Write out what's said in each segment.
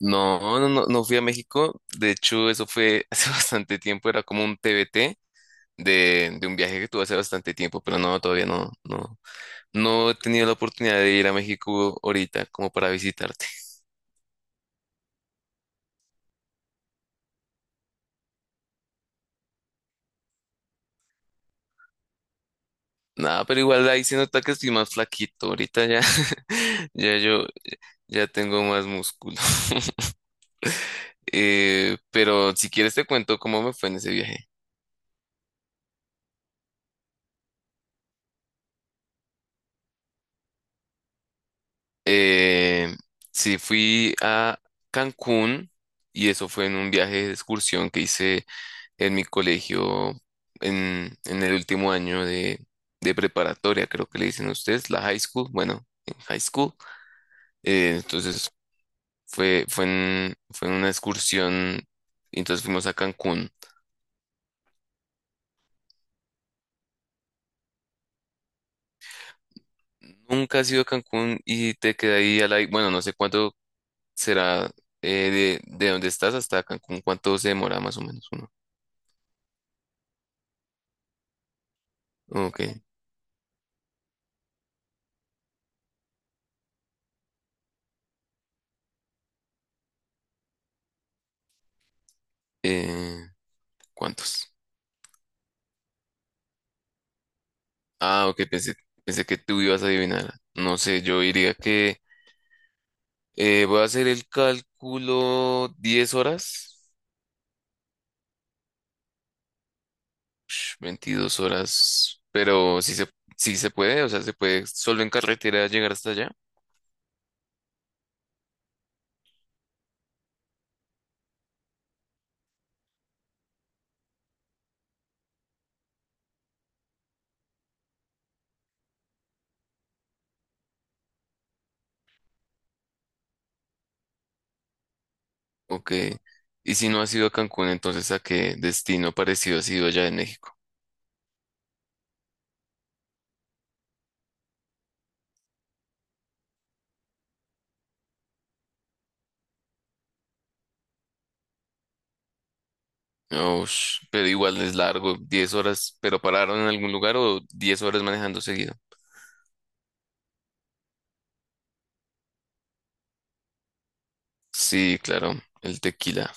No, no, no, no fui a México. De hecho, eso fue hace bastante tiempo. Era como un TBT de un viaje que tuve hace bastante tiempo, pero no, todavía no he tenido la oportunidad de ir a México ahorita como para visitarte. Nada, pero igual ahí se nota que estoy más flaquito. Ahorita ya, ya yo, ya tengo más músculo. Pero si quieres te cuento cómo me fue en ese viaje. Eh, sí, fui a Cancún y eso fue en un viaje de excursión que hice en mi colegio, en el último año de preparatoria, creo que le dicen ustedes, la high school, bueno, en high school. Entonces fue en una excursión, y entonces fuimos a Cancún. Nunca has ido a Cancún y te queda ahí a la... Bueno, no sé cuánto será de donde estás hasta Cancún, cuánto se demora más o menos uno. Ok. Eh, ¿Cuántos? Ah, ok, pensé que tú ibas a adivinar. No sé, yo diría que... Voy a hacer el cálculo 10 horas, 22 horas, sí se puede, o sea, se puede solo en carretera llegar hasta allá. Ok. Y si no has ido a Cancún, entonces ¿a qué destino parecido has ido allá en México? Ush, pero igual es largo, 10 horas, pero pararon en algún lugar o 10 horas manejando seguido. Sí, claro, el tequila.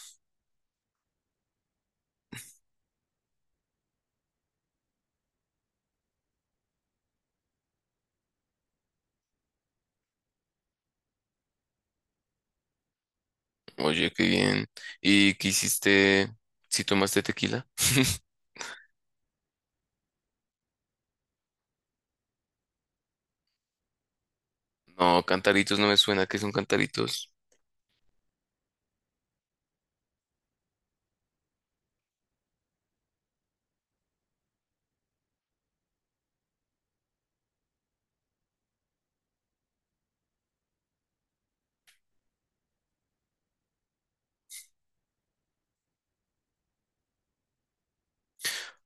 Oye, qué bien. ¿Y qué hiciste si tomaste tequila? No, cantaritos no me suena que son cantaritos.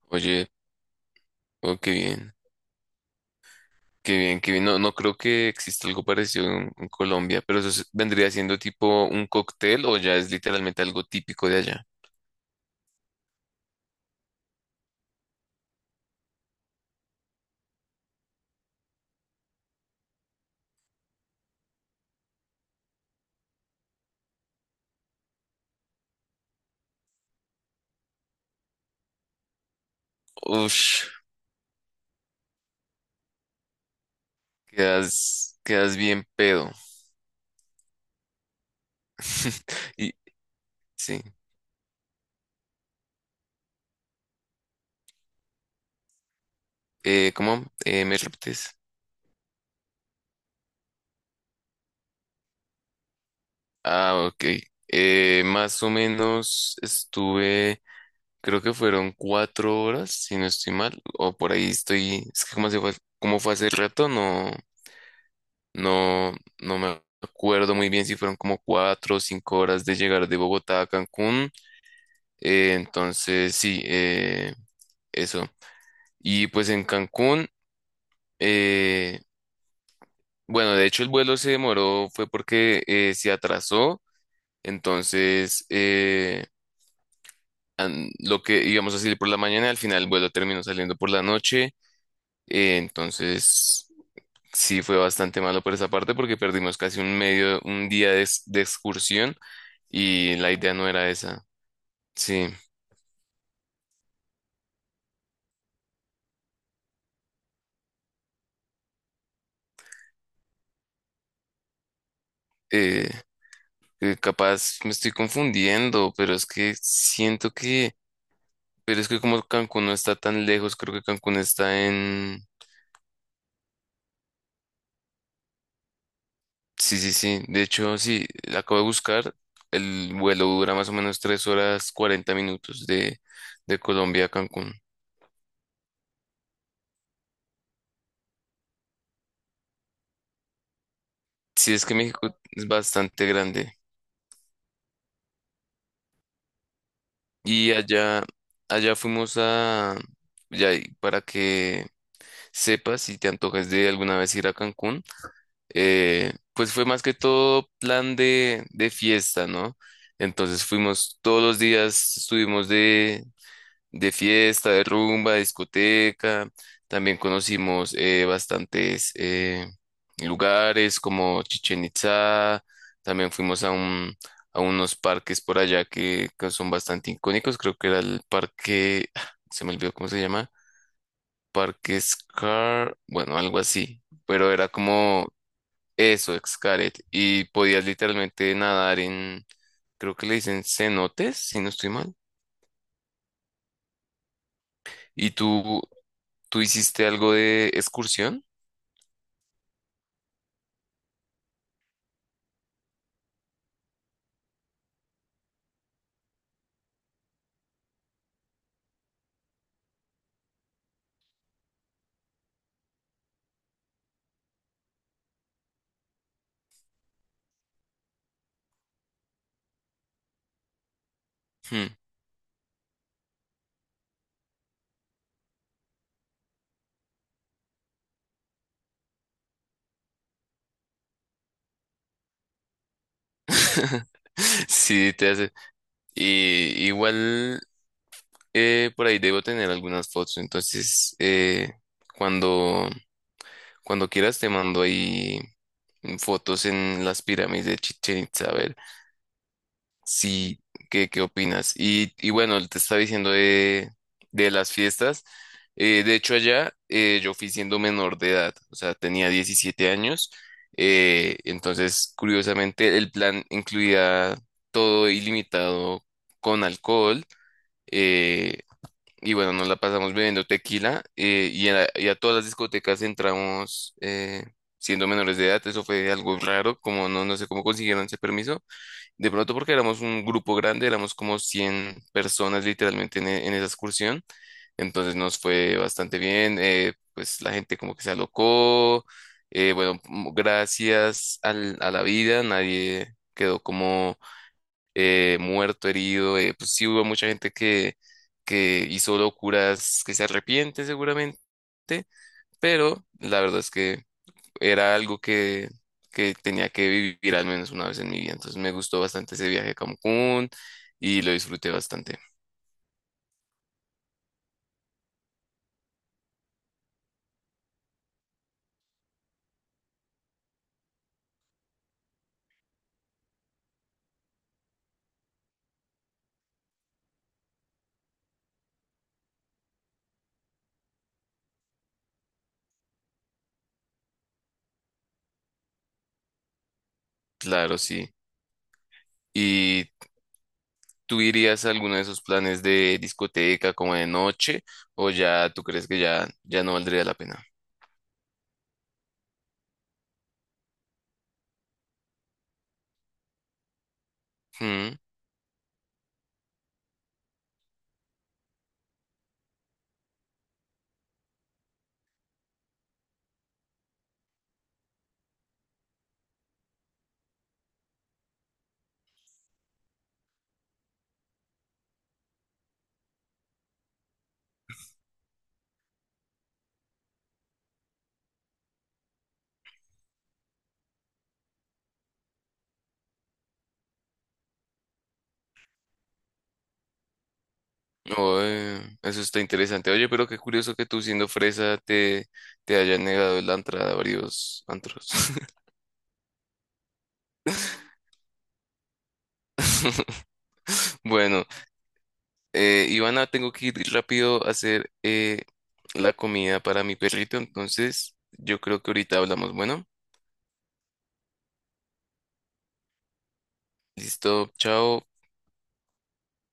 Oye, oh, qué bien, qué bien, qué bien. No, no creo que exista algo parecido en Colombia, pero eso es- vendría siendo tipo un cóctel o ya es literalmente algo típico de allá. Ush, quedas bien pedo. Y sí, ¿cómo? ¿Me repites? Ah, ok. Más o menos estuve, creo que fueron 4 horas, si no estoy mal, o por ahí estoy, es que como fue hace rato, no. No, no me acuerdo muy bien si fueron como 4 o 5 horas de llegar de Bogotá a Cancún. Entonces, sí, eso. Y pues en Cancún, eh, bueno, de hecho el vuelo se demoró, fue porque se atrasó. Entonces, lo que íbamos a salir por la mañana, al final el vuelo terminó saliendo por la noche. Eh, entonces... Sí, fue bastante malo por esa parte porque perdimos un día de, de excursión y la idea no era esa. Sí, eh, capaz me estoy confundiendo, pero es que como Cancún no está tan lejos, creo que Cancún está en... Sí, sí, sí. De hecho, sí, la acabo de buscar. El vuelo dura más o menos 3 horas 40 minutos de Colombia a Cancún. Sí, es que México es bastante grande. Y allá, allá fuimos a, ya, y para que sepas si te antojas de alguna vez ir a Cancún, pues fue más que todo plan de fiesta, ¿no? Entonces fuimos todos los días, estuvimos de fiesta, de rumba, de discoteca. También conocimos bastantes lugares como Chichen Itza. También fuimos a a unos parques por allá que son bastante icónicos. Creo que era el parque, se me olvidó cómo se llama, Parque Scar, bueno, algo así. Pero era como eso, Xcaret. Y podías literalmente nadar en, creo que le dicen cenotes, si no estoy mal. ¿Y tú ¿Tú hiciste algo de excursión? Hmm. Sí, te hace. Y igual por ahí debo tener algunas fotos. Entonces, cuando, cuando quieras te mando ahí fotos en las pirámides de Chichén Itzá. Sí, ¿qué, qué opinas? Y bueno, te estaba diciendo de las fiestas. De hecho, allá yo fui siendo menor de edad, o sea, tenía 17 años. Entonces, curiosamente, el plan incluía todo ilimitado con alcohol. eh, y bueno, nos la pasamos bebiendo tequila y a todas las discotecas entramos siendo menores de edad. Eso fue algo raro, como no, no sé cómo consiguieron ese permiso de pronto porque éramos un grupo grande, éramos como 100 personas literalmente en, en esa excursión. Entonces nos fue bastante bien. Pues la gente como que se alocó. Bueno, gracias a la vida, nadie quedó como muerto, herido. Pues sí hubo mucha gente que hizo locuras que se arrepiente seguramente, pero la verdad es que era algo que tenía que vivir al menos una vez en mi vida. Entonces me gustó bastante ese viaje a Cancún y lo disfruté bastante. Claro, sí. ¿Y tú irías a alguno de esos planes de discoteca como de noche o ya tú crees que ya, ya no valdría la pena? Mm, oe, eso está interesante. Oye, pero qué curioso que tú siendo fresa te, te hayan negado la entrada a varios antros. Bueno. Ivana, tengo que ir rápido a hacer la comida para mi perrito, entonces yo creo que ahorita hablamos. Bueno, listo, chao.